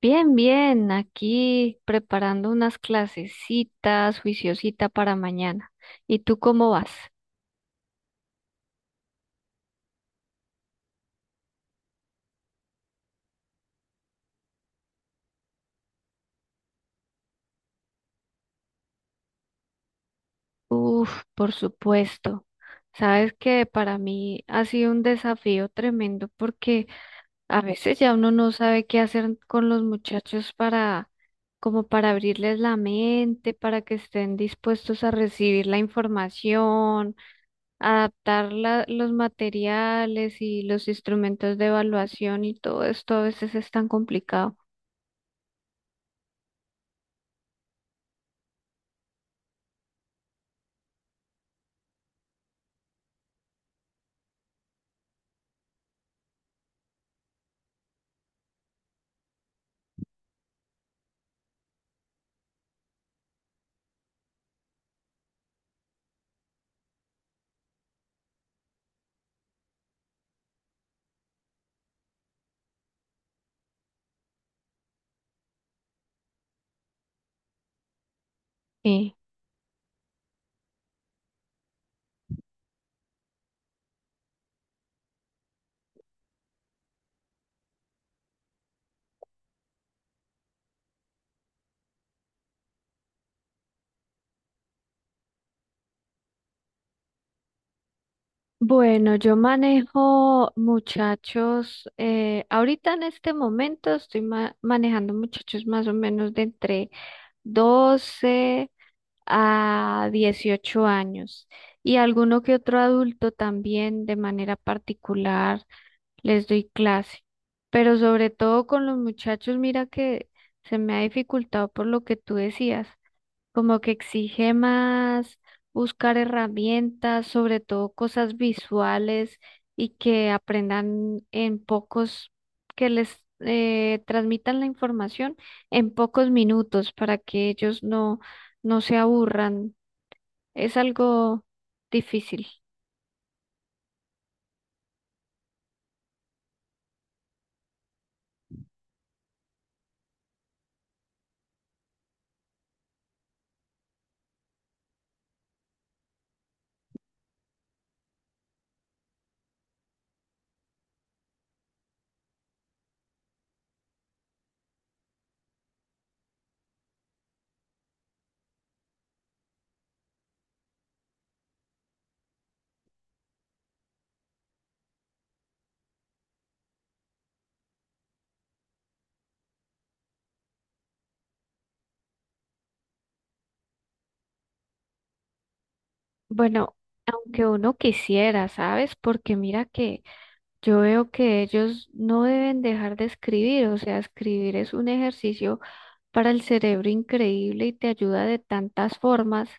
Bien, bien, aquí preparando unas clasecitas, juiciosita para mañana. ¿Y tú cómo vas? Uf, por supuesto. Sabes que para mí ha sido un desafío tremendo porque a veces ya uno no sabe qué hacer con los muchachos para, como para abrirles la mente, para que estén dispuestos a recibir la información adaptar los materiales y los instrumentos de evaluación y todo esto a veces es tan complicado. Sí. Bueno, yo manejo muchachos, ahorita en este momento estoy manejando muchachos más o menos de entre 12 a 18 años y alguno que otro adulto también de manera particular les doy clase, pero sobre todo con los muchachos, mira que se me ha dificultado por lo que tú decías, como que exige más buscar herramientas, sobre todo cosas visuales y que aprendan en pocos, que les transmitan la información en pocos minutos para que ellos no, no se aburran. Es algo difícil. Bueno, aunque uno quisiera, ¿sabes? Porque mira que yo veo que ellos no deben dejar de escribir, o sea, escribir es un ejercicio para el cerebro increíble y te ayuda de tantas formas,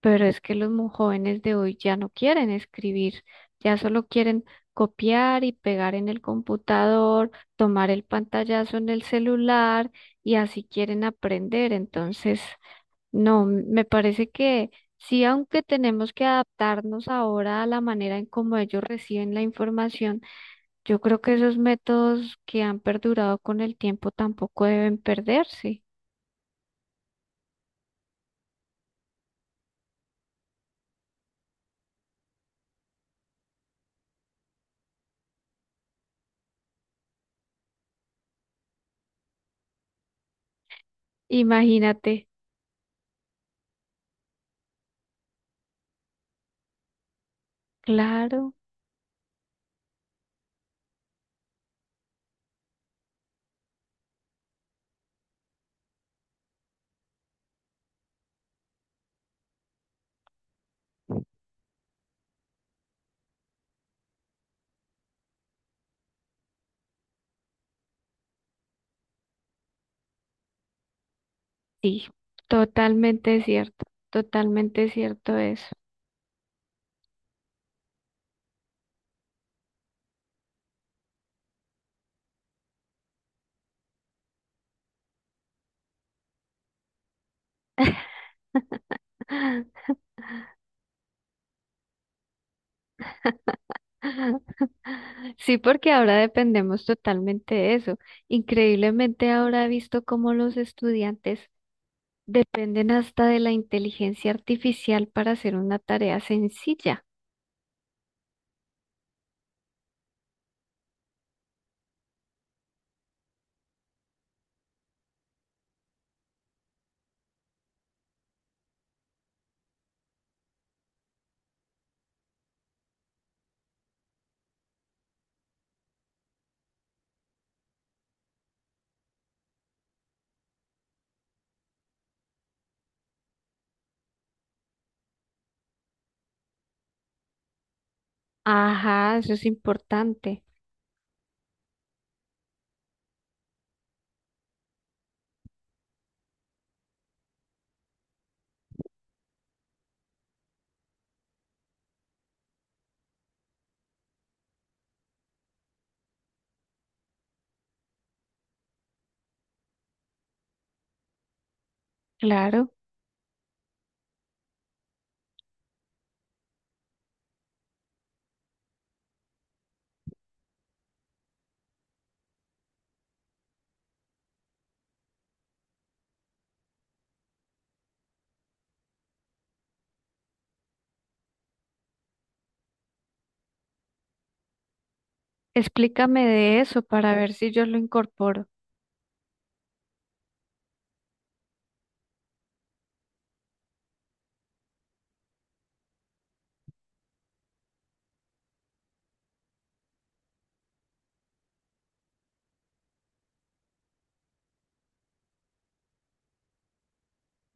pero es que los jóvenes de hoy ya no quieren escribir, ya solo quieren copiar y pegar en el computador, tomar el pantallazo en el celular y así quieren aprender. Entonces, no, me parece que sí, aunque tenemos que adaptarnos ahora a la manera en cómo ellos reciben la información, yo creo que esos métodos que han perdurado con el tiempo tampoco deben perderse. Imagínate, claro, sí, totalmente cierto eso. Sí, porque ahora dependemos totalmente de eso. Increíblemente ahora he visto cómo los estudiantes dependen hasta de la inteligencia artificial para hacer una tarea sencilla. Ajá, eso es importante. Claro, explícame de eso para ver si yo lo incorporo.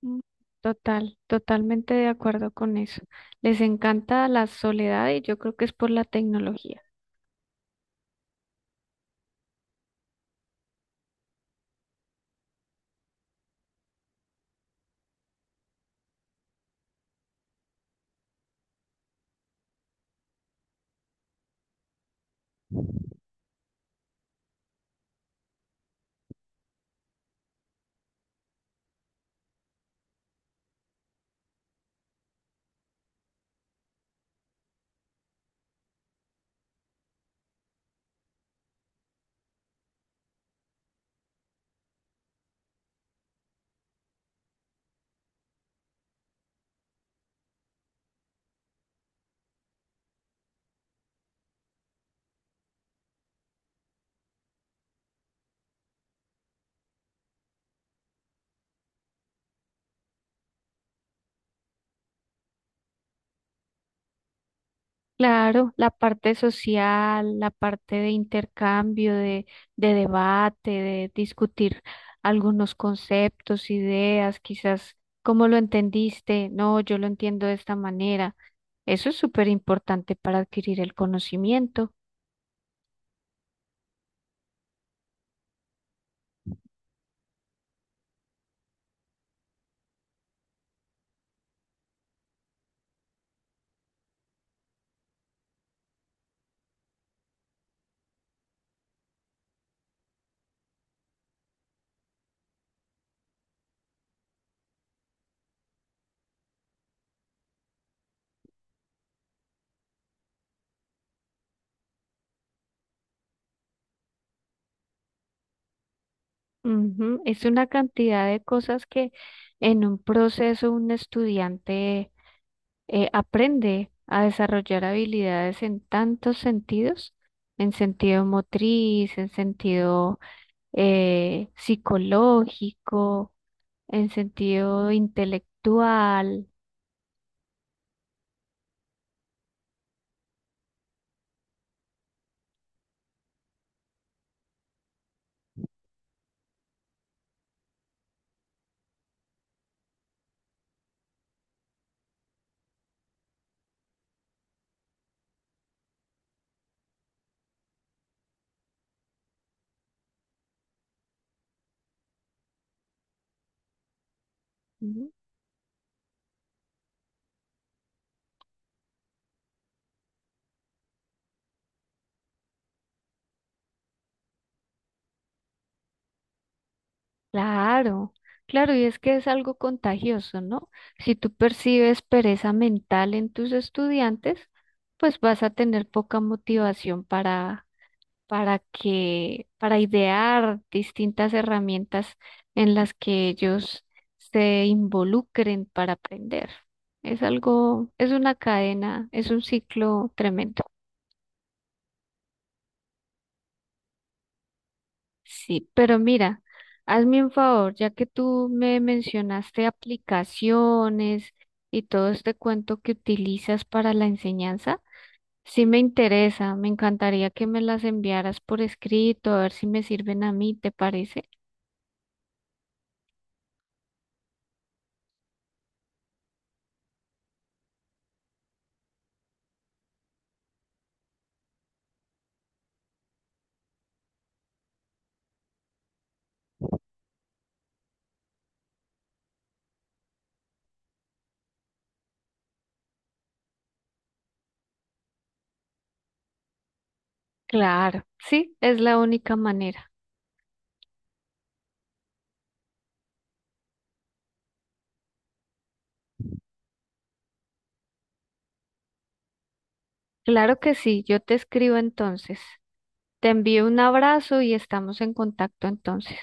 Mm, total, totalmente de acuerdo con eso. Les encanta la soledad y yo creo que es por la tecnología. Claro, la parte social, la parte de intercambio, de debate, de discutir algunos conceptos, ideas, quizás cómo lo entendiste, no, yo lo entiendo de esta manera. Eso es súper importante para adquirir el conocimiento. Ujú. Es una cantidad de cosas que en un proceso un estudiante aprende a desarrollar habilidades en tantos sentidos, en sentido motriz, en sentido psicológico, en sentido intelectual. Ujú. Claro, claro, y es que es algo contagioso, ¿no? Si tú percibes pereza mental en tus estudiantes, pues vas a tener poca motivación para para idear distintas herramientas en las que ellos se involucren para aprender. Es algo, es una cadena, es un ciclo tremendo. Sí, pero mira, hazme un favor, ya que tú me mencionaste aplicaciones y todo este cuento que utilizas para la enseñanza, sí me interesa, me encantaría que me las enviaras por escrito, a ver si me sirven a mí, ¿te parece? Claro, sí, es la única manera. Claro que sí, yo te escribo entonces. Te envío un abrazo y estamos en contacto entonces.